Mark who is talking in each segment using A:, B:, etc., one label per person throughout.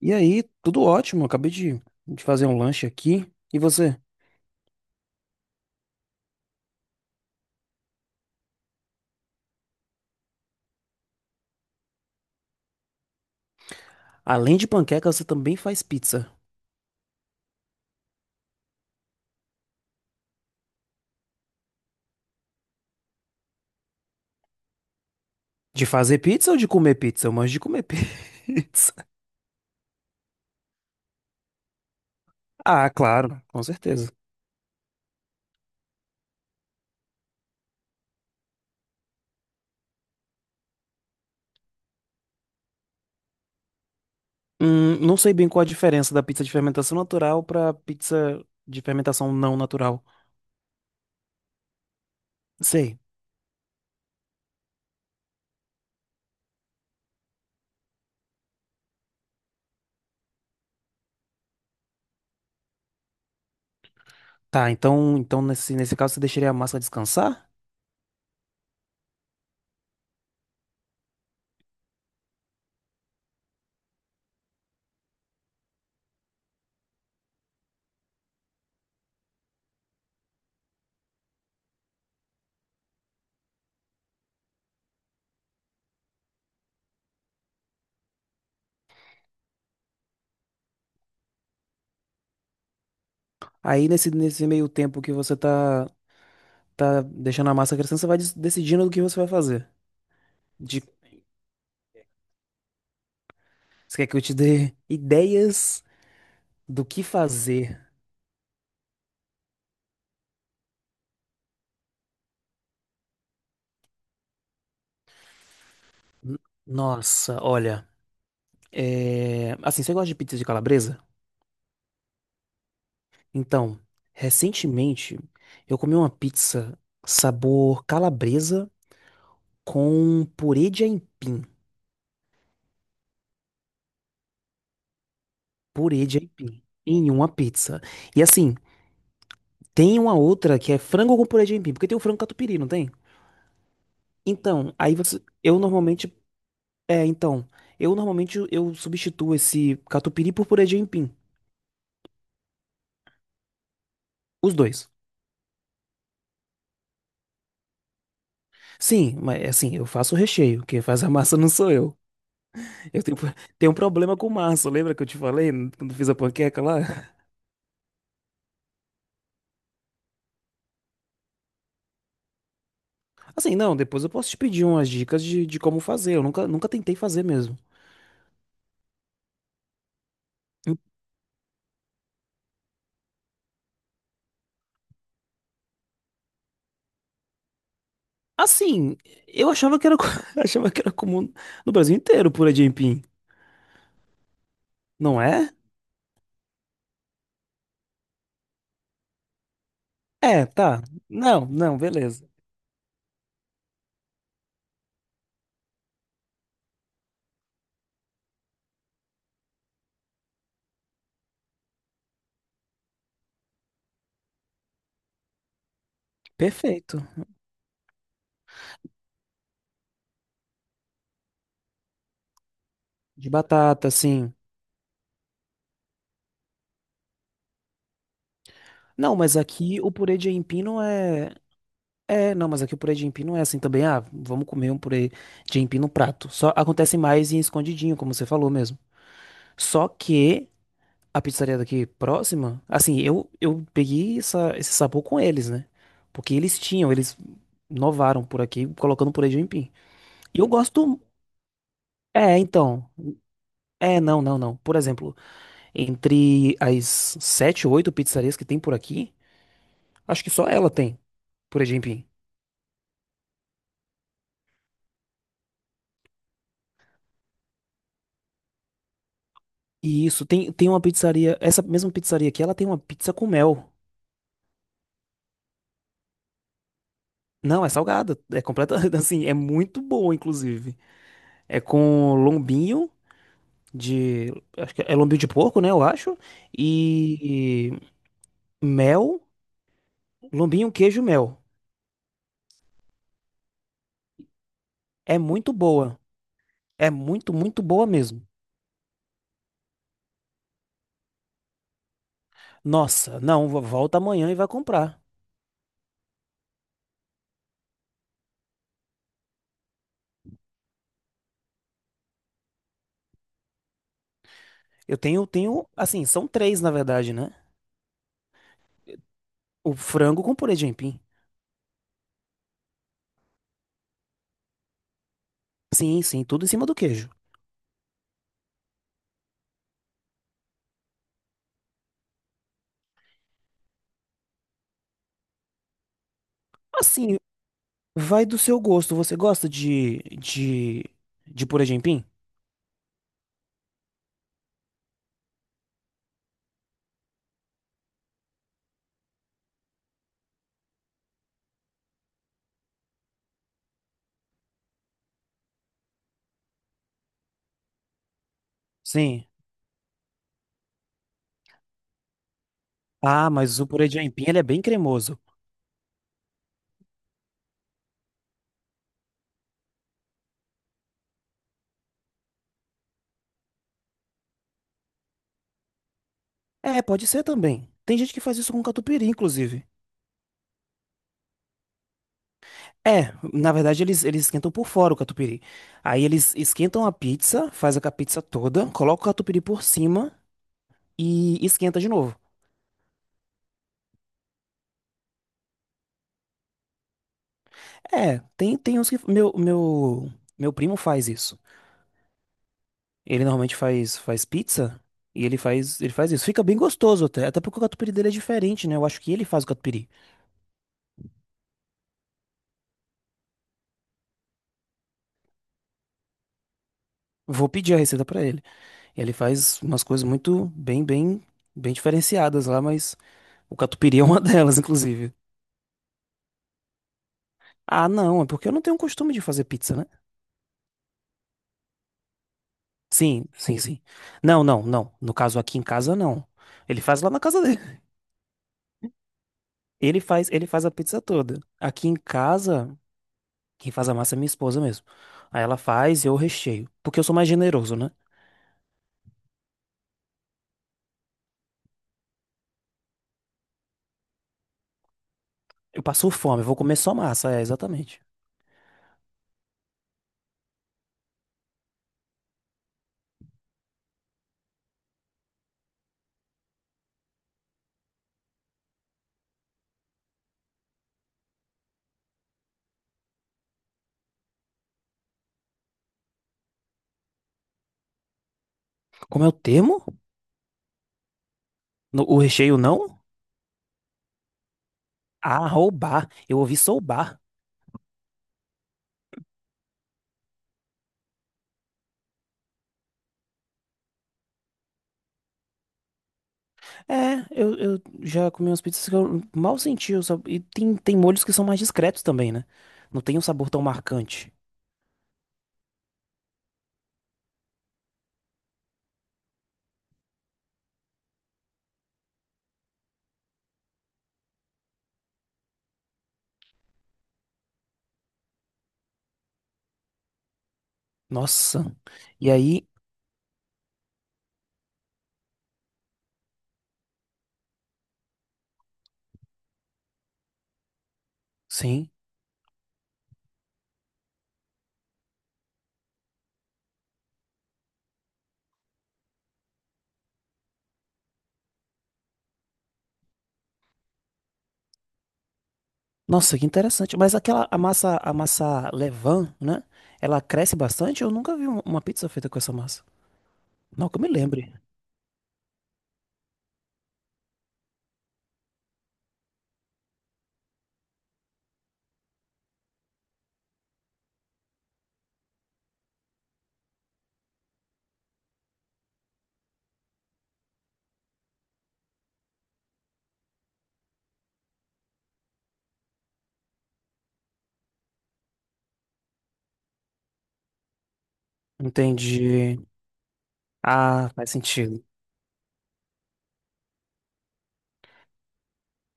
A: E aí, tudo ótimo. Acabei de fazer um lanche aqui. E você? Além de panqueca, você também faz pizza. De fazer pizza ou de comer pizza? Eu manjo de comer pizza. Ah, claro, com certeza. Não sei bem qual a diferença da pizza de fermentação natural pra pizza de fermentação não natural. Sei. Tá, então nesse caso você deixaria a massa descansar? Aí nesse meio tempo que você tá deixando a massa crescendo, você vai decidindo o que você vai fazer. De- Você quer que eu te dê ideias do que fazer? N- Nossa, olha. Assim, você gosta de pizza de calabresa? Então, recentemente eu comi uma pizza sabor calabresa com purê de aipim. Purê de aipim em uma pizza. E assim, tem uma outra que é frango com purê de aipim, porque tem o frango catupiry, não tem? Então, aí você, eu normalmente, é, então, eu normalmente eu substituo esse catupiry por purê de aipim. Os dois. Sim, mas assim, eu faço o recheio. Quem faz a massa não sou eu. Eu tenho, tenho um problema com massa. Lembra que eu te falei quando fiz a panqueca lá? Assim, não, depois eu posso te pedir umas dicas de como fazer. Eu nunca tentei fazer mesmo. Assim, eu achava que era, achava que era comum no Brasil inteiro pura aipim. Não é? É, tá. Não, não, beleza. Perfeito. De batata, sim. Não, mas aqui o purê de aipim não é. É, não, mas aqui o purê de aipim não é assim também. Ah, vamos comer um purê de aipim no prato. Só acontece mais em escondidinho, como você falou mesmo. Só que a pizzaria daqui próxima? Assim, eu peguei esse sabor com eles, né? Porque eles tinham, eles inovaram por aqui, colocando purê de aipim. E eu gosto. É, então. É, não, não, não. Por exemplo, entre as sete ou oito pizzarias que tem por aqui, acho que só ela tem purê de aipim. E isso, tem uma pizzaria. Essa mesma pizzaria aqui, ela tem uma pizza com mel. Não, é salgada. É completa. Assim, é muito boa, inclusive. É com lombinho. de, Acho que é lombinho de porco, né, eu acho, e mel, lombinho, queijo, mel. É muito boa. É muito, muito boa mesmo. Nossa, não, volta amanhã e vai comprar. Eu tenho, assim, são três, na verdade, né? O frango com purê de aipim. Sim, sim, tudo em cima do queijo. Assim, vai do seu gosto. Você gosta de purê de aipim? Sim. Ah, mas o purê de aipim, ele é bem cremoso. É, pode ser também. Tem gente que faz isso com catupiry, inclusive. É, na verdade eles esquentam por fora o catupiry. Aí eles esquentam a pizza, faz a pizza toda, coloca o catupiry por cima e esquenta de novo. É, tem uns que. Meu primo faz isso. Ele normalmente faz pizza e ele ele faz isso. Fica bem gostoso até porque o catupiry dele é diferente, né? Eu acho que ele faz o catupiry. Vou pedir a receita pra ele. Ele faz umas coisas muito bem diferenciadas lá, mas o catupiry é uma delas, inclusive. Ah, não, é porque eu não tenho costume de fazer pizza, né? Sim, sim, sim. Não, não, não. No caso aqui em casa não. Ele faz lá na casa dele. Ele ele faz a pizza toda. Aqui em casa, quem faz a massa é minha esposa mesmo. Aí ela faz e eu recheio, porque eu sou mais generoso, né? Eu passo fome, eu vou comer só massa, é exatamente. Como é o termo? O recheio não? Ah, roubar. Eu ouvi soubar. É, eu já comi umas pizzas que eu mal senti, o sabor. E tem molhos que são mais discretos também, né? Não tem um sabor tão marcante. Nossa. E aí, sim. Nossa, que interessante. Mas aquela a massa levain, né? Ela cresce bastante? Eu nunca vi uma pizza feita com essa massa. Não, que eu me lembre. Entendi. Ah, faz sentido.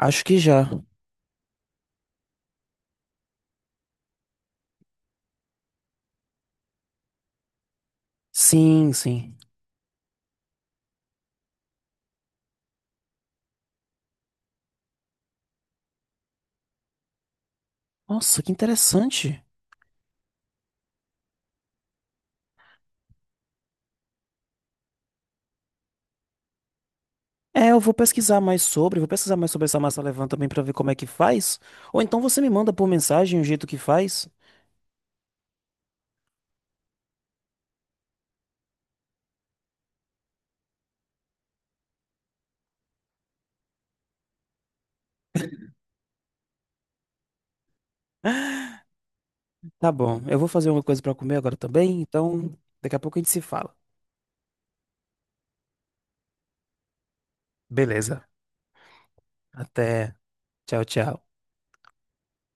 A: Acho que já. Sim, sim. Nossa, que interessante. É, eu vou pesquisar mais sobre, vou pesquisar mais sobre essa massa levain também pra ver como é que faz. Ou então você me manda por mensagem o jeito que faz. Tá bom. Eu vou fazer uma coisa pra comer agora também, então daqui a pouco a gente se fala. Beleza. Até. Tchau, tchau.